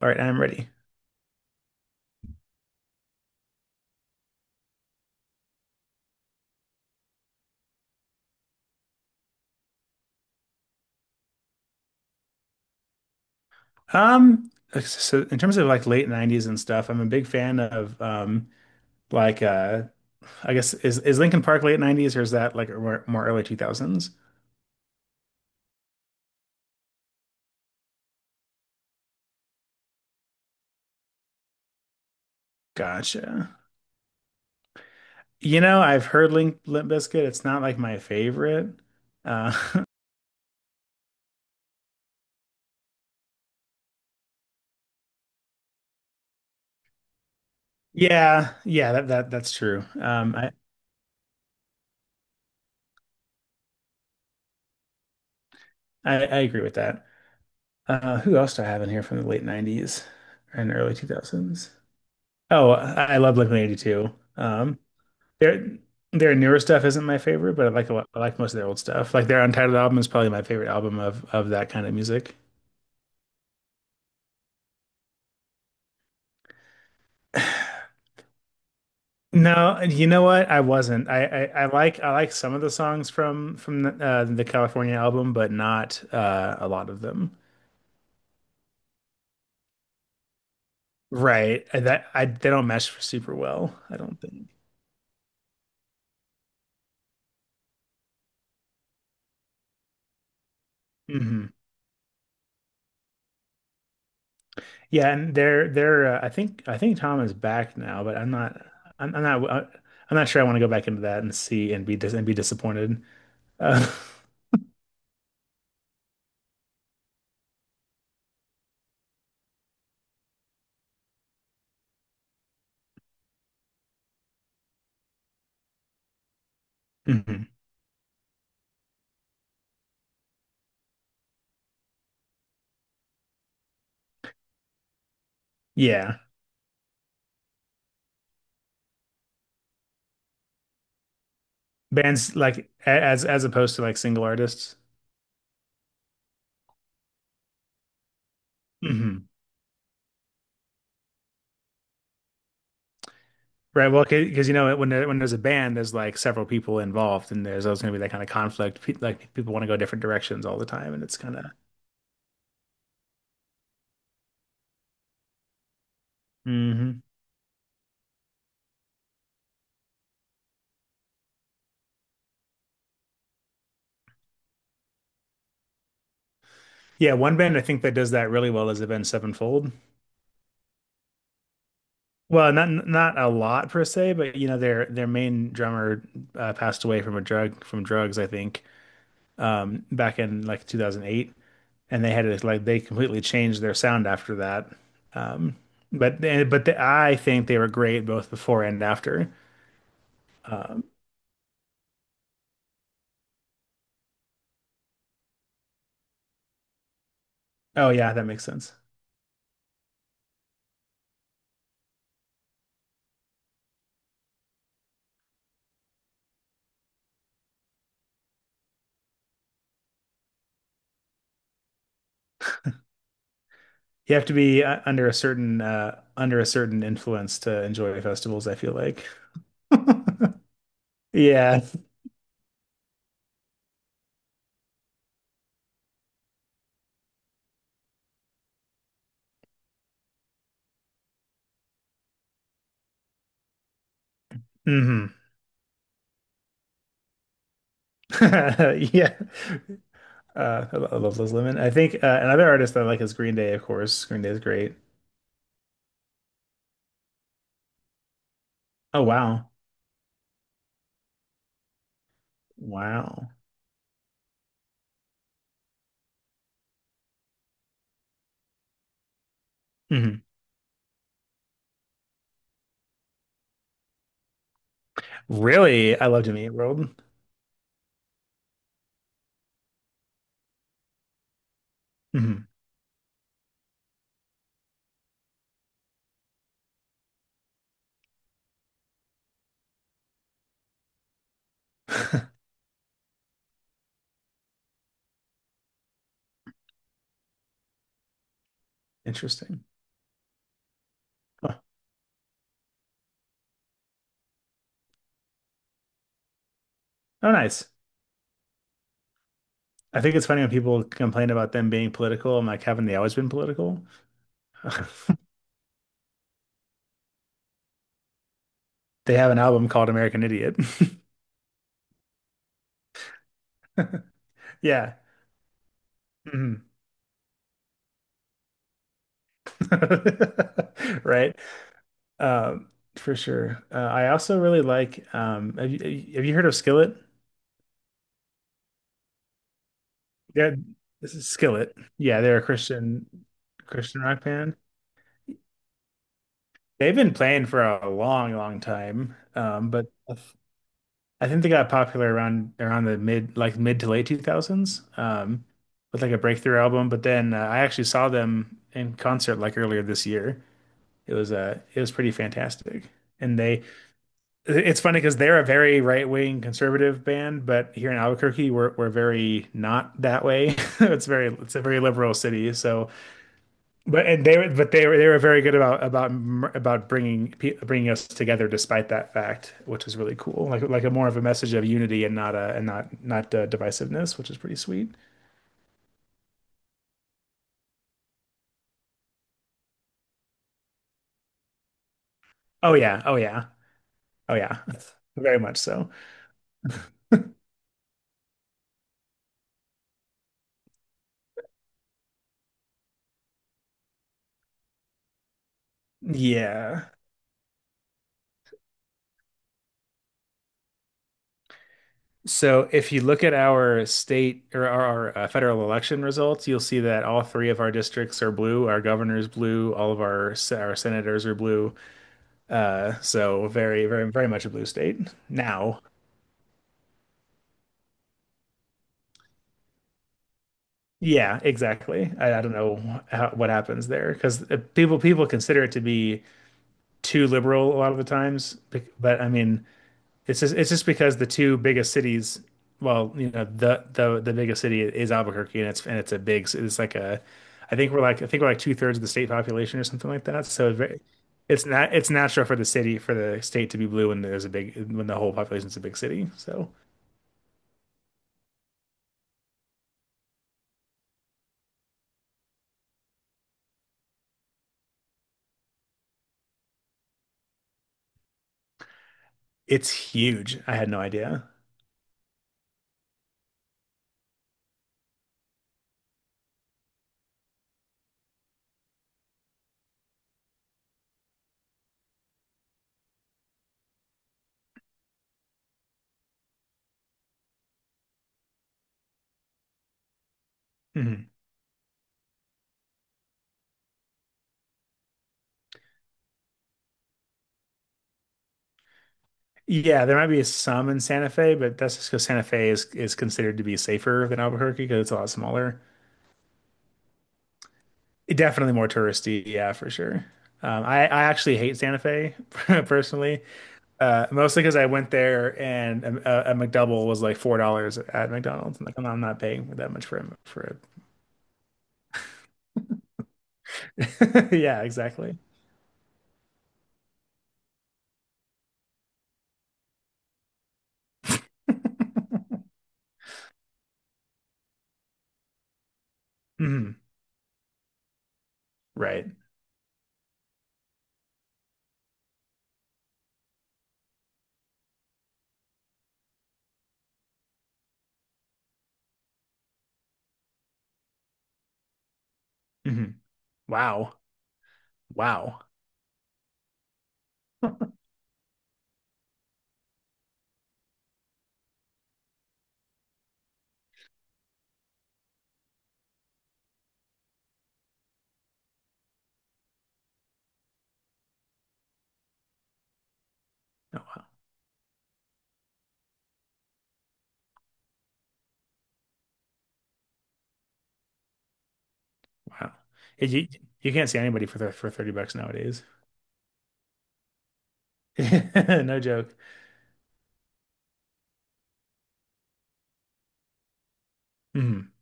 All right, I'm ready. Um, so in terms of like late 90s and stuff, I'm a big fan of like uh I guess is Linkin Park late 90s, or is that like more, more early 2000s? Gotcha. You know, I've heard Link Limp Bizkit. It's not like my favorite. Uh yeah, yeah, that's true. I agree with that. Uh, who else do I have in here from the late 90s and early 2000s? Oh, I love Blink-182. Their newer stuff isn't my favorite, but I like a lot, I like most of their old stuff. Like their Untitled album is probably my favorite album of that kind of music. No, you know what? I wasn't. I like some of the songs from the California album, but not a lot of them. Right. I- That I They don't mesh super well, I don't think. Hmm Yeah, and they're I think Tom is back now, but I'm not sure I want to go back into that and see and be disappointed. Uh, hmm Yeah. Bands like as opposed to like single artists. Hmm Right. Well, because you know when there's a band, there's like several people involved, and there's always going to be that kind of conflict. Pe like People want to go different directions all the time, and it's kind of. Hmm Yeah, one band I think that does that really well is the band Sevenfold. Well, not a lot per se, but you know their main drummer passed away from drugs, I think, back in like 2008. And they had to like they completely changed their sound after that. Um, but I think they were great both before and after. Oh yeah, that makes sense. You have to be under a certain influence to enjoy festivals, I feel like. Yeah. hmm Yeah. I love Liz Lemon. I think another artist that I like is Green Day, of course. Green Day is great. Oh wow. Wow. hmm Really? I love To Meet World. Hmm Interesting. Huh. Oh, nice. I think it's funny when people complain about them being political. I'm like, haven't they always been political? They have an album called American Idiot. Yeah. Mhm. Right. Um, for sure. I also really like, have you heard of Skillet? Yeah, this is Skillet. Yeah, they're a Christian rock band. They've been playing for a long, long time. But I think they got popular around the mid, like mid to late 2000s, with like a breakthrough album. But then I actually saw them in concert like earlier this year. It was it was pretty fantastic. And they It's funny because they're a very right-wing conservative band, but here in Albuquerque we're very not that way. It's a very liberal city. So but and they were, but they were very good about about bringing bringing us together despite that fact, which is really cool. Like a more of a message of unity, and not a and not, divisiveness, which is pretty sweet. Oh yeah, oh yeah, oh yeah, very much so. Yeah. So if you look at our state, or our federal election results, you'll see that all three of our districts are blue. Our governor's blue. All of our senators are blue. So very, very, very much a blue state now. Yeah, exactly. I don't know how, what happens there, because people consider it to be too liberal a lot of the times. But I mean, it's just because the two biggest cities, well, you know, the biggest city is Albuquerque, and it's a big, it's like a, I think we're like two-thirds of the state population or something like that. So it's very, it's not, it's natural for the city for the state to be blue when there's a big, when the whole population's a big city. So it's huge. I had no idea. Mm-hmm. Yeah, there might be some in Santa Fe, but that's just because Santa Fe is considered to be safer than Albuquerque because it's a lot smaller. Definitely more touristy, yeah, for sure. I actually hate Santa Fe. Personally, mostly because I went there and a McDouble was like $4 at McDonald's. I'm like, I'm not paying that much for it. Yeah, exactly. hmm Right. hmm Wow. Wow. Oh, wow. You you can't see anybody for 30 bucks nowadays. No joke. Mhm.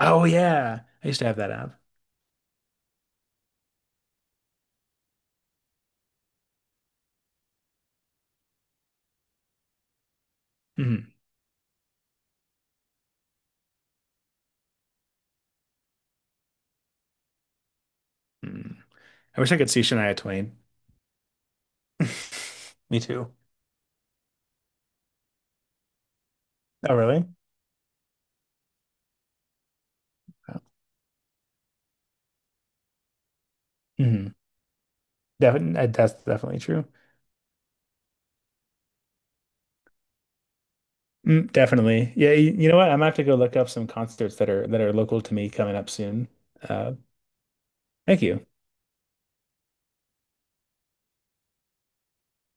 Oh yeah, I used to have that app. Mhm. Mhm. I wish I could see Shania Twain. Me too. Oh really? Mm-hmm. Definitely, that's definitely true. Mm, definitely. Yeah, you know what? I'm gonna have to go look up some concerts that are local to me coming up soon. Uh, thank you.